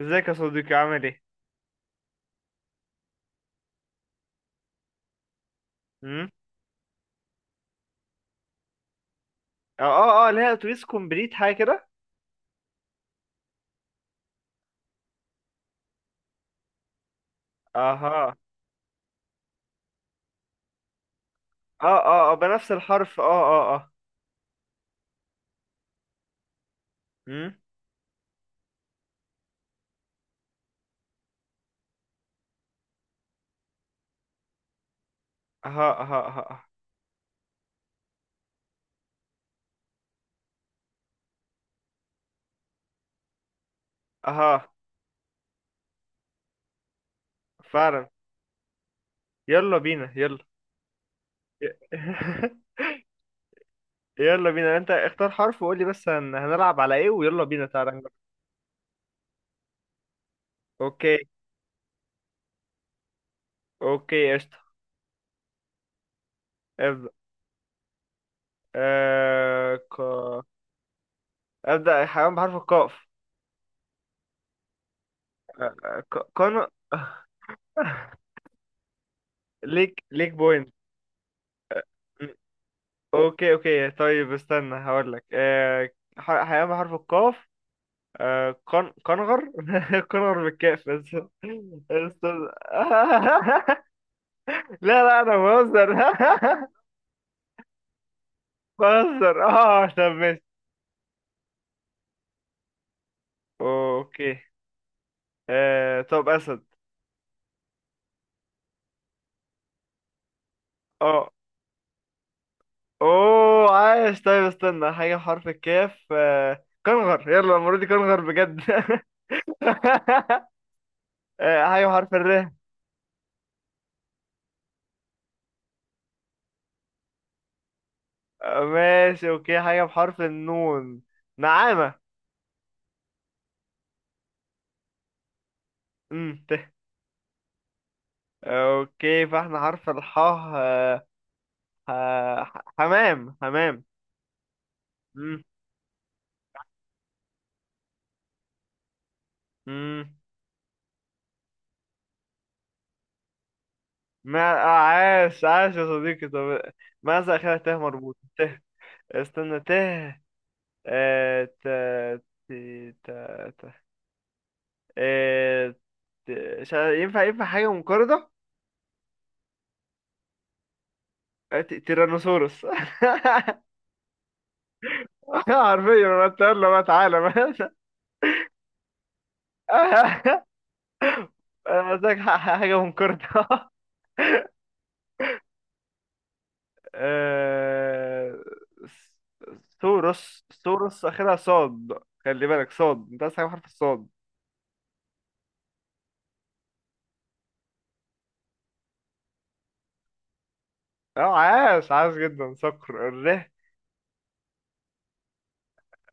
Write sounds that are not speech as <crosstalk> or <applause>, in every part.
ازيك يا صديقي عامل ايه؟ امم اه اه اه، اللي هي اتوبيس كومبليت حاجه كده. اها، اه اه اه بنفس الحرف، اه اه اه. امم اها اها اها اها اها، فعلا. يلا بينا يلا. ي- <laughs> يلا بينا، انت اختار حرف وقول لي بس، هنلعب على ايه؟ ويلا بينا تعالى نجرب. اوكي اوكي قشطه. ابدا. آه... ك... ابدا حيوان بحرف القاف. كانو. <laughs> ليك بوينت. اوكي اوكي طيب استنى هقول لك، آه، حيوان بحرف القاف. آه، قنغر. <laughs> قنغر بالكاف بس. استنى، <laughs> لا لا انا بهزر. <laughs> بهزر، اه طب ماشي. اوكي. آه طب اسد. اه، اوه عايش، طيب استنى حاجه بحرف الكاف، آه، كنغر. يلا المره دي كنغر بجد. <laughs> آه، حاجه بحرف الر. ماشي اوكي، حاجه بحرف النون، نعامة. ت اوكي فاحنا حرف الحاء. حمام حمام. امم امم ما آه، عاش عاش يا صديقي. طب، ماذا اخرها ت مربوط ت؟ استنى، ت، ت، ت، ت، ت، آه، مش عارف. ينفع ينفع حاجة منقرضة؟ تيرانوسورس. <laughs> حرفيا انا اتقل له بقى، تعالى بقى. <laughs> أنا قلت لك حاجة منقرضة. آه... سوروس سوروس اخرها صاد. خلي بالك صاد، انت عايز حاجه بحرف الصاد. اه، عاش عاش جدا، صقر الره.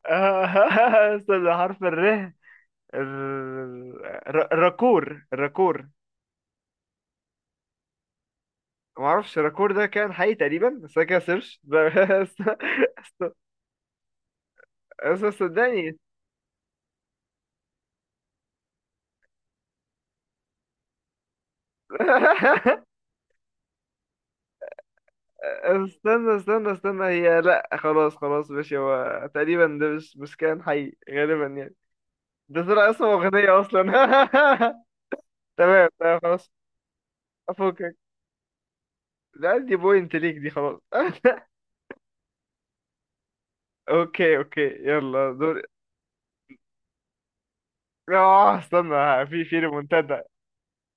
<laughs> استنى، حرف الره. ال... راكور راكور. ما اعرفش، راكور ده كان حقيقي تقريبا بس انا كده سيرش ده. <laughs> است- است- صدقني. <laughs> استنى استنى استنى هي، لا خلاص خلاص ماشي، هو تقريبا ده مش كان حقيقي غالبا يعني. ده طلع اسمه أغنية أصلا. <laughs> تمام تمام خلاص. أفكك. لا، دي بوينت ليك دي، خلاص. <laughs> أوكي أوكي يلا دور. استنى، ها، في ريمونتادا.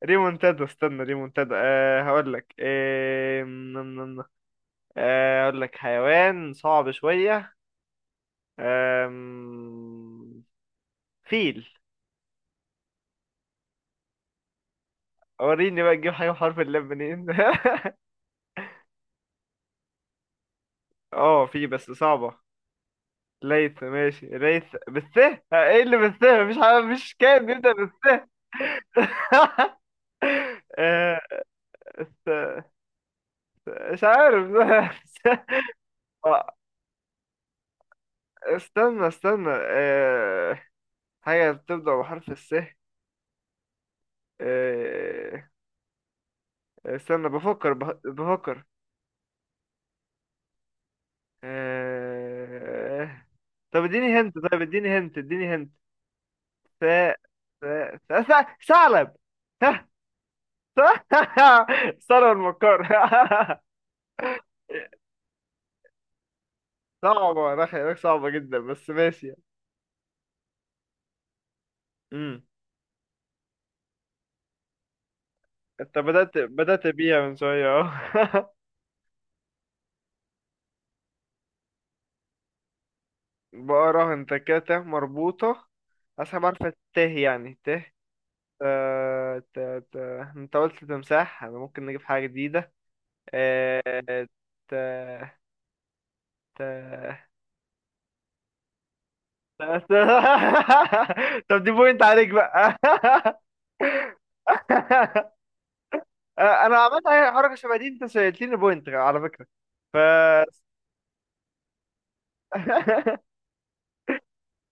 ريمونتادا استنى ريمونتادا، أه هقول لك، أه نم. هقول لك حيوان صعب شوية. آم، فيل. وريني بقى تجيب حاجة بحرف اللام منين. <laughs> اه في بس صعبة. ليث، ماشي ليث بالث، ها، ايه اللي بالث؟ مفيش حاجة، مفيش كائن بيبدأ. <laughs> آه، مش عارف. <laughs> آه، استنى استنى، حاجة بتبدأ بحرف الس. آه، استنى بفكر، بفكر. آه، طب اديني هنت، طيب اديني هنت، اديني هنت. س، س، س، ثعلب. ها. س- <laughs> ثعلب المكار. <laughs> صعبة، أنا خلي بالك صعبة جدا بس ماشي. امم انت بدأت بيها من شوية اهو. <laughs> بقرة انت كده ت مربوطة. أسحب، عارفة ت يعني ت، ت، ت، ت، انت قلت تمساح، انا ممكن نجيب حاجة جديدة. اه، ت، ت، ت، ت- <laughs> طب دي بوينت عليك بقى. <laughs> اه، انا عملت اي حركة شبه دي؟ انت سألتني بوينت على فكرة. ف <laughs>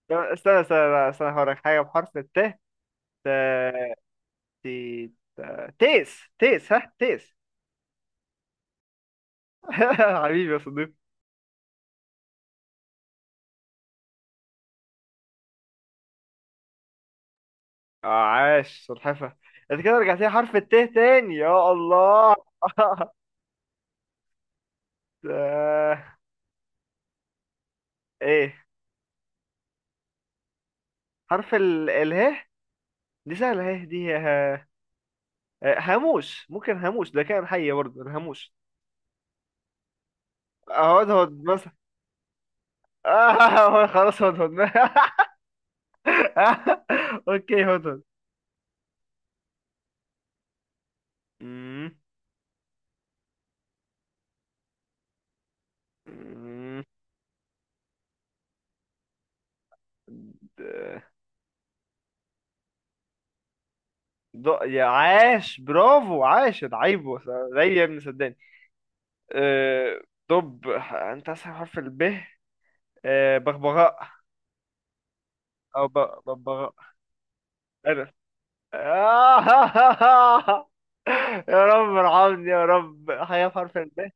طب استنى استنى، لا، استنى هقولك حاجة بحرف الت، ت، ت- تيس تيس، ها تيس. <laughs> حبيبي يا صديقي. عاش سلحفة. انت كده رجعت لي حرف الت تاني، يا الله. <laughs> آه، ايه حرف ال اله؟ دي سهلة اهي. هاموش ممكن، هاموش ده كائن حي برضه الهاموش. اهو هدهد مثلا. آه خلاص هدهد. <laughs> اوكي هدهد. مم. مم. د- يا عاش برافو، عاش العيب. زي يا ابني صدقني. آه، دب. انت اسهل حرف الب. بغبغاء. او ببغاء. انا، آه <laughs> يا رب ارحمني يا رب، حاجه بحرف الب.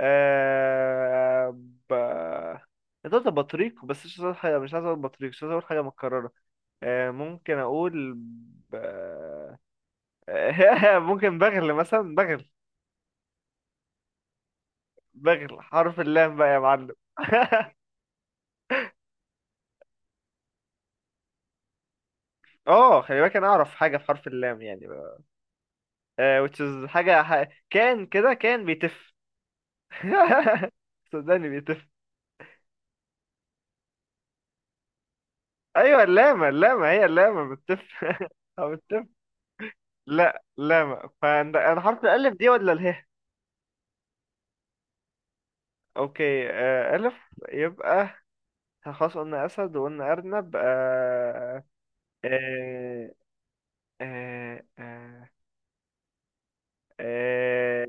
آه، ب، كنت قلت بطريق بس مش عايز اقول حاجه، مش عايز اقول بطريق، مش عايز اقول حاجه متكرره. ممكن اقول ب... <laughs> ممكن بغل مثلا، بغل. بغل حرف اللام بقى يا معلم. <laughs> اه خلي بالك انا اعرف حاجه في حرف اللام يعني، which is حاجه كان كده كان بيتف. <laughs> صدقني بيتف. ايوه اللامه، اللامه هي اللامه بتف. <laughs> او بتف. لا لامه، فانا حرف الالف دي ولا اله؟ اوكي، الف. يبقى، خلاص قلنا اسد وقلنا ارنب. آه، آه، آه، آه،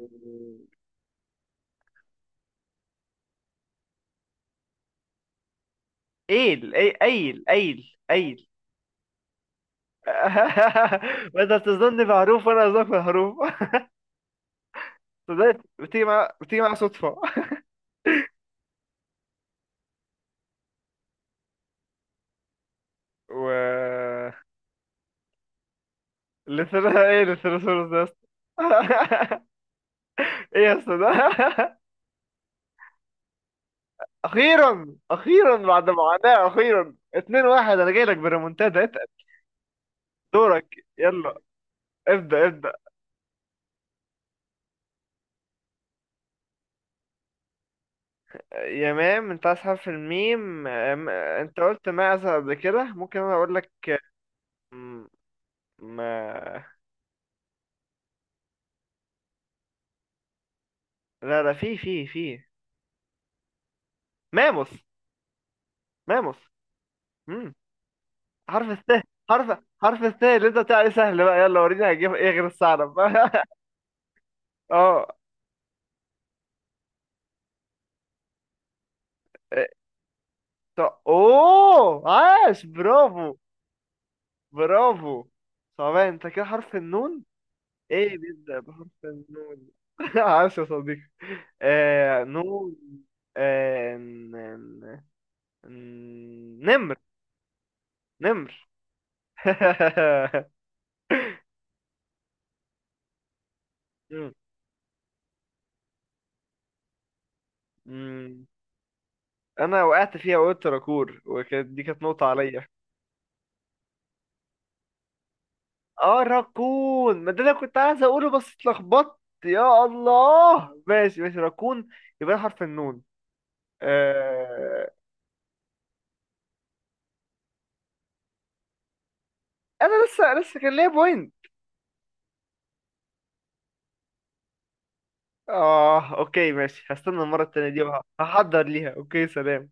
ايل، ايل ايل ايل. <laughs> وانت بتظنني بحروف وانا اظنك بحروف. <laughs> صدقت، بتيجي مع صدفه. <laughs> و لسانها ايه لسانوسورس ده يا اسطى؟ <laughs> ايه يا اسطى ده؟ <laughs> اخيرا اخيرا بعد معاناة اخيرا، 2-1، انا جاي لك بريمونتادا اتقل. دورك يلا، ابدأ ابدأ. يا مام، انت عايز حرف الميم. انت قلت معزة قبل كده، ممكن انا اقول لك م- ما. لا لا، في ماموس، ماموس. مم. حرف الثاء. حرف الثاء اللي انت بتاعي، سهل بقى، يلا وريني هجيب ايه غير الثعلب. <laughs> اه طب، اوه عاش برافو. برافو. صعبان، انت كده حرف النون. ايه بيبدأ بحرف النون؟ <laughs> عاش يا صديقي. آه نون، آه نمر، نمر. <laughs> مم. مم. انا وقعت فيها وقلت راكور، وكانت دي كانت نقطة عليا. اه راكون، ما ده انا كنت عايز اقوله بس اتلخبطت. يا الله ماشي ماشي راكون. يبقى حرف النون. آه. انا لسه كان ليا بوينت. اه اوكي ماشي، هستنى المره التانيه دي وهحضر ليها. اوكي سلام.